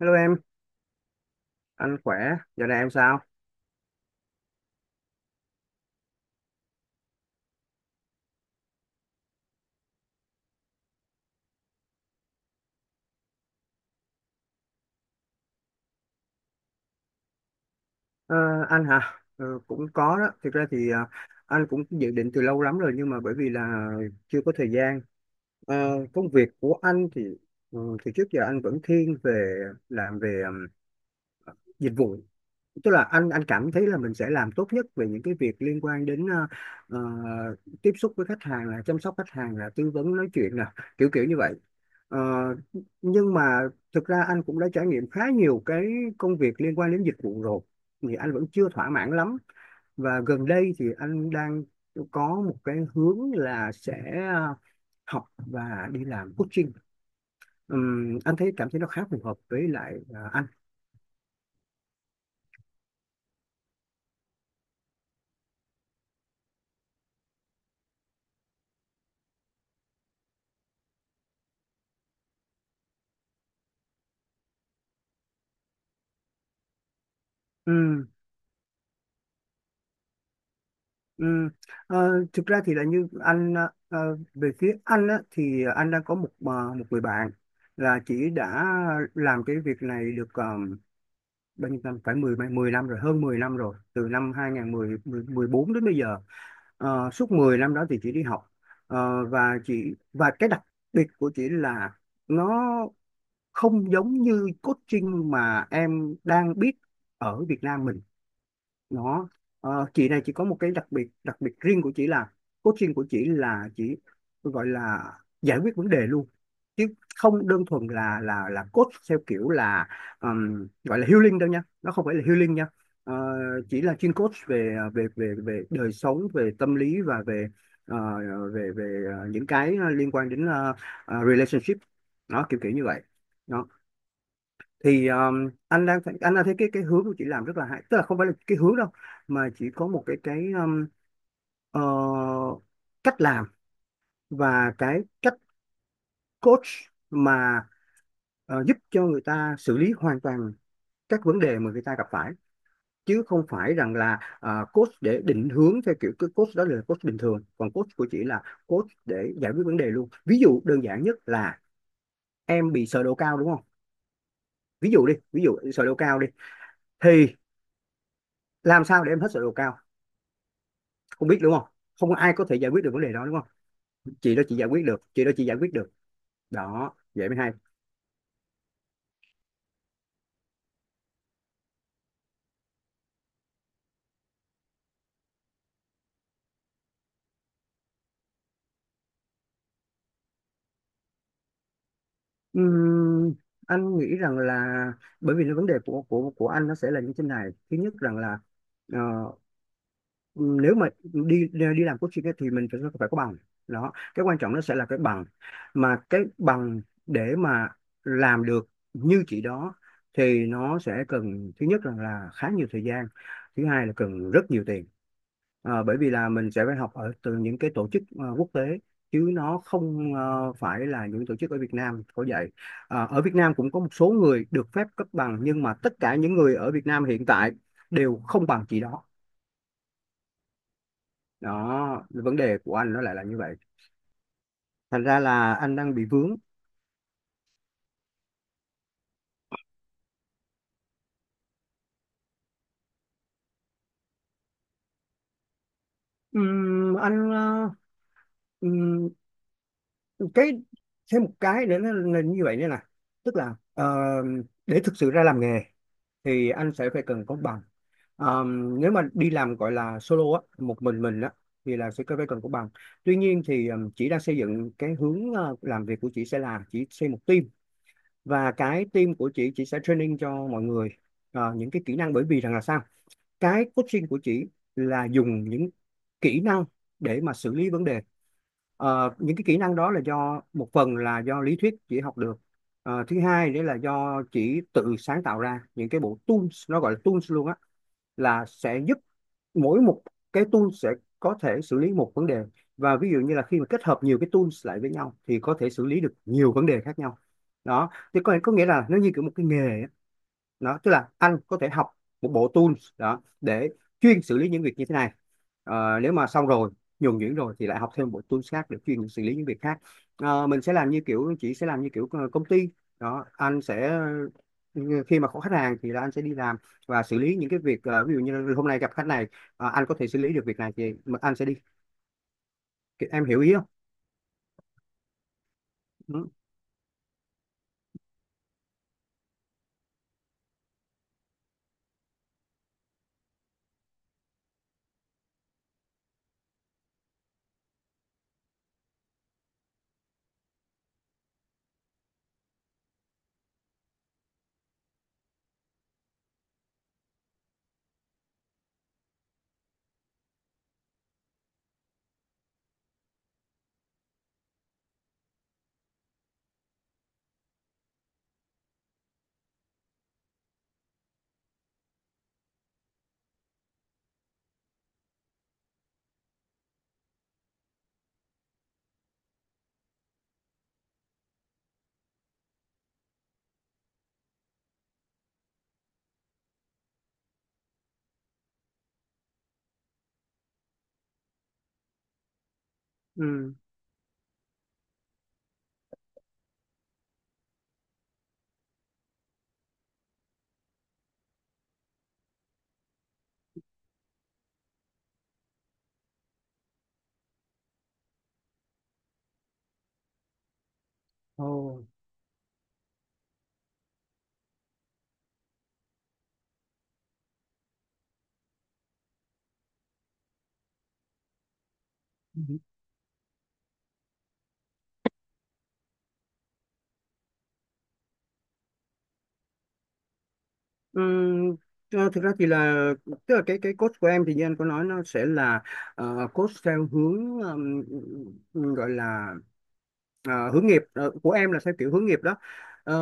Hello em, anh khỏe, giờ này em sao? Ờ, anh hả? Ờ, cũng có đó, thực ra thì anh cũng dự định từ lâu lắm rồi, nhưng mà bởi vì là chưa có thời gian. Ờ, công việc của anh thì thì trước giờ anh vẫn thiên về làm về dịch vụ, tức là anh cảm thấy là mình sẽ làm tốt nhất về những cái việc liên quan đến ờ, tiếp xúc với khách hàng, là chăm sóc khách hàng, là tư vấn nói chuyện nè, kiểu kiểu như vậy. Ờ, nhưng mà thực ra anh cũng đã trải nghiệm khá nhiều cái công việc liên quan đến dịch vụ rồi, thì anh vẫn chưa thỏa mãn lắm, và gần đây thì anh đang có một cái hướng là sẽ ờ, học và đi làm coaching. Anh thấy cảm thấy nó khá phù hợp với lại anh. Ừ. Thực ra thì là như anh, về phía anh á, thì anh đang có một, một người bạn là chỉ đã làm cái việc này được bao nhiêu năm, phải 10 10 năm rồi, hơn 10 năm rồi, từ năm 2014 đến bây giờ. Suốt 10 năm đó thì chị đi học. Và chị, và cái đặc biệt của chị là nó không giống như coaching mà em đang biết ở Việt Nam mình. Nó, chị này chỉ có một cái đặc biệt riêng của chị là coaching của chị là chị gọi là giải quyết vấn đề luôn, chứ không đơn thuần là coach theo kiểu là gọi là healing đâu nha, nó không phải là healing nha. Ờ, chỉ là chuyên coach về về về về đời sống, về tâm lý và về ờ, về về những cái liên quan đến relationship, nó kiểu kiểu như vậy đó. Thì anh đang thấy cái hướng của chị làm rất là hay, tức là không phải là cái hướng đâu, mà chỉ có một cái ờ, cách làm và cái cách coach mà giúp cho người ta xử lý hoàn toàn các vấn đề mà người ta gặp phải, chứ không phải rằng là coach để định hướng theo kiểu. Cái coach đó là coach bình thường, còn coach của chị là coach để giải quyết vấn đề luôn. Ví dụ đơn giản nhất là em bị sờ độ cao đúng không, ví dụ đi, ví dụ sờ độ cao đi, thì làm sao để em hết sờ độ cao không biết, đúng không? Không ai có thể giải quyết được vấn đề đó đúng không? Chị đó chị giải quyết được, chị đó chị giải quyết được đó, vậy mới hay. Ừm, anh nghĩ rằng là bởi vì cái vấn đề của anh nó sẽ là như thế này. Thứ nhất rằng là ờ, nếu mà đi đi làm coaching ấy, thì mình phải phải có bằng đó. Cái quan trọng nó sẽ là cái bằng, mà cái bằng để mà làm được như chị đó thì nó sẽ cần, thứ nhất rằng là khá nhiều thời gian, thứ hai là cần rất nhiều tiền. Ờ, bởi vì là mình sẽ phải học ở từ những cái tổ chức quốc tế, chứ nó không phải là những tổ chức ở Việt Nam có dạy. Ờ, ở Việt Nam cũng có một số người được phép cấp bằng, nhưng mà tất cả những người ở Việt Nam hiện tại đều không bằng chị đó. Đó, vấn đề của anh nó lại là như vậy. Thành ra là anh đang bị vướng. Ừm, anh ờ, ừm, cái, thêm một cái nữa là như vậy nữa nè. Tức là để thực sự ra làm nghề thì anh sẽ phải cần có bằng. Nếu mà đi làm gọi là solo á, một mình á, thì là sẽ phải cần có bằng. Tuy nhiên thì chị đang xây dựng cái hướng làm việc của chị sẽ là chị xây một team, và cái team của chị sẽ training cho mọi người những cái kỹ năng. Bởi vì rằng là sao, cái coaching của chị là dùng những kỹ năng để mà xử lý vấn đề. Ờ, những cái kỹ năng đó là do, một phần là do lý thuyết chỉ học được. Ờ, thứ hai đấy là do chỉ tự sáng tạo ra những cái bộ tools, nó gọi là tools luôn á, là sẽ giúp mỗi một cái tool sẽ có thể xử lý một vấn đề. Và ví dụ như là khi mà kết hợp nhiều cái tools lại với nhau thì có thể xử lý được nhiều vấn đề khác nhau đó. Thì có nghĩa là nó như kiểu một cái nghề á đó, tức là anh có thể học một bộ tools đó để chuyên xử lý những việc như thế này. Ờ, nếu mà xong rồi nhuần nhuyễn rồi thì lại học thêm một bộ tools khác để chuyên xử lý những việc khác. Ờ, mình sẽ làm như kiểu, chị sẽ làm như kiểu công ty đó. Anh sẽ ừ, khi mà có khách hàng thì là anh sẽ đi làm và xử lý những cái việc. Ờ, ví dụ như hôm nay gặp khách này anh có thể xử lý được việc này thì anh sẽ đi, em hiểu ý không? Ừ. Ừ. Ồ. Ừm, thực ra thì là, tức là cái coach của em thì như anh có nói nó sẽ là coach theo hướng, gọi là hướng nghiệp. Ờ, của em là theo kiểu hướng nghiệp đó. Ờ,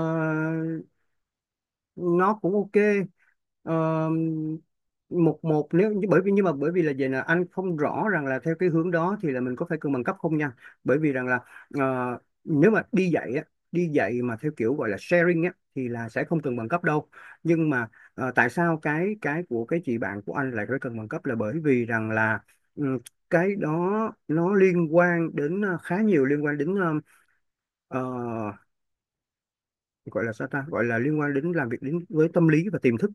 nó cũng ok. Ờ, một một, nếu bởi vì, nhưng mà bởi vì là vậy, là anh không rõ rằng là theo cái hướng đó thì là mình có phải cân bằng cấp không nha. Bởi vì rằng là ờ, nếu mà đi dạy á, đi dạy mà theo kiểu gọi là sharing á thì là sẽ không cần bằng cấp đâu. Nhưng mà tại sao cái của cái chị bạn của anh lại phải cần bằng cấp là bởi vì rằng là ừ, cái đó nó liên quan đến khá nhiều, liên quan đến ờ, gọi là sao ta, gọi là liên quan đến làm việc đến với tâm lý và tiềm thức.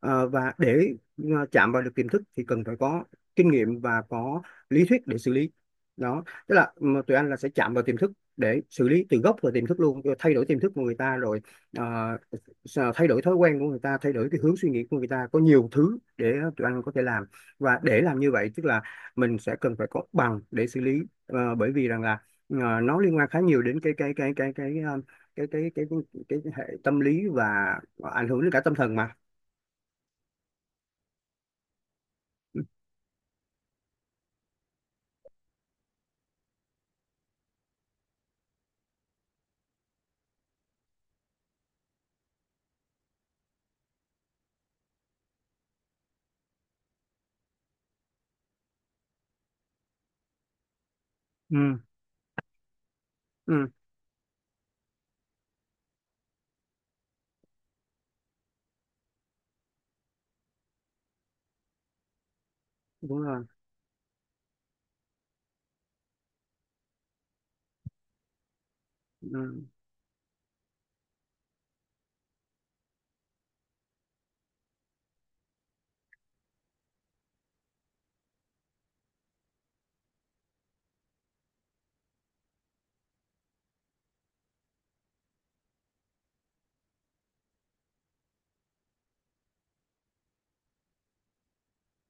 Ờ, và để chạm vào được tiềm thức thì cần phải có kinh nghiệm và có lý thuyết để xử lý đó. Tức là mà tụi anh là sẽ chạm vào tiềm thức để xử lý từ gốc vào tiềm thức luôn, rồi thay đổi tiềm thức của người ta, rồi ờ, thay đổi thói quen của người ta, thay đổi cái hướng suy nghĩ của người ta, có nhiều thứ để tụi anh có thể làm. Và để làm như vậy tức là mình sẽ cần phải có bằng để xử lý. Ờ, bởi vì rằng là nó liên quan khá nhiều đến cái ờ, cái cái cái cái, cái hệ tâm lý và ảnh hưởng đến cả tâm thần mà. Ừ. Ừ, đúng rồi. ừ,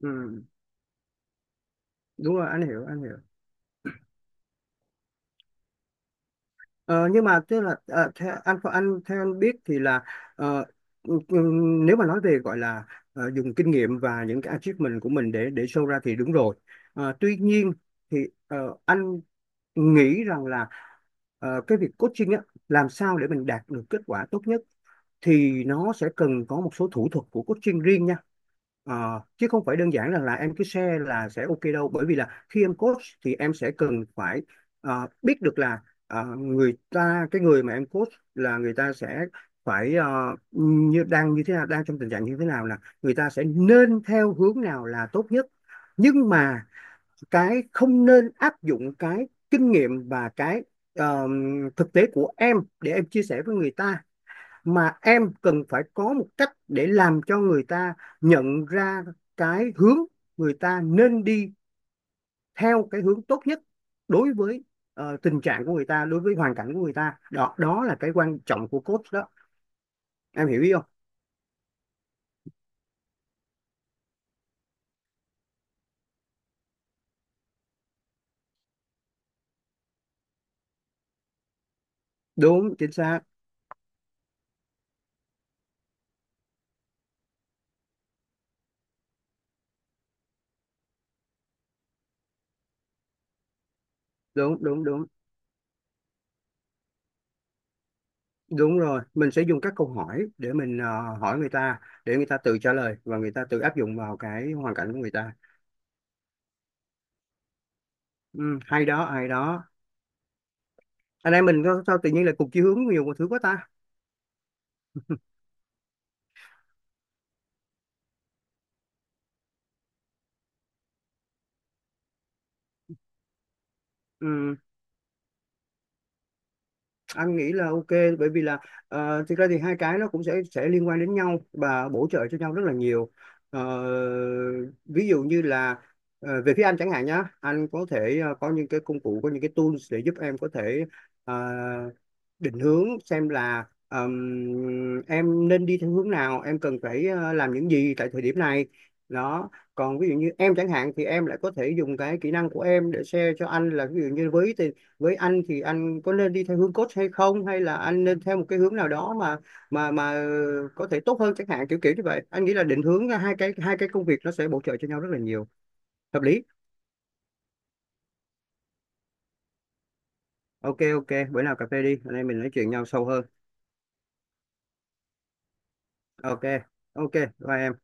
ừ đúng rồi, anh hiểu anh hiểu. Ờ, nhưng mà tức là theo anh, theo anh biết thì là ờ, ừ, ừ, nếu mà nói về gọi là dùng kinh nghiệm và những cái achievement của mình để show ra thì đúng rồi. Ờ, tuy nhiên thì ờ, anh nghĩ rằng là cái việc coaching á, làm sao để mình đạt được kết quả tốt nhất thì nó sẽ cần có một số thủ thuật của coaching riêng nha. Ờ, chứ không phải đơn giản rằng là em cứ share là sẽ ok đâu, bởi vì là khi em coach thì em sẽ cần phải biết được là người ta, cái người mà em coach, là người ta sẽ phải như, đang như thế nào, đang trong tình trạng như thế nào, là người ta sẽ nên theo hướng nào là tốt nhất. Nhưng mà cái không nên áp dụng cái kinh nghiệm và cái ờ, thực tế của em để em chia sẻ với người ta, mà em cần phải có một cách để làm cho người ta nhận ra cái hướng người ta nên đi, theo cái hướng tốt nhất đối với tình trạng của người ta, đối với hoàn cảnh của người ta đó. Đó là cái quan trọng của coach đó, em hiểu ý không? Đúng chính xác. Đúng, đúng, đúng, đúng rồi, mình sẽ dùng các câu hỏi để mình hỏi người ta, để người ta tự trả lời và người ta tự áp dụng vào cái hoàn cảnh của người ta. Ừ, hay đó hay đó. Anh em mình sao sao tự nhiên là cùng chí hướng nhiều một thứ quá ta. Ừ. Anh nghĩ là ok, bởi vì là thực ra thì hai cái nó cũng sẽ liên quan đến nhau và bổ trợ cho nhau rất là nhiều. Ờ, ví dụ như là về phía anh chẳng hạn nhá, anh có thể có những cái công cụ, có những cái tools để giúp em có thể ờ, định hướng xem là em nên đi theo hướng nào, em cần phải làm những gì tại thời điểm này đó. Còn ví dụ như em chẳng hạn thì em lại có thể dùng cái kỹ năng của em để share cho anh, là ví dụ như với anh thì anh có nên đi theo hướng coach hay không, hay là anh nên theo một cái hướng nào đó mà có thể tốt hơn chẳng hạn, kiểu kiểu như vậy. Anh nghĩ là định hướng hai cái công việc nó sẽ bổ trợ cho nhau rất là nhiều, hợp lý. OK, ok, bữa nào cà phê đi anh em mình nói chuyện nhau sâu hơn. OK, ok, bye em.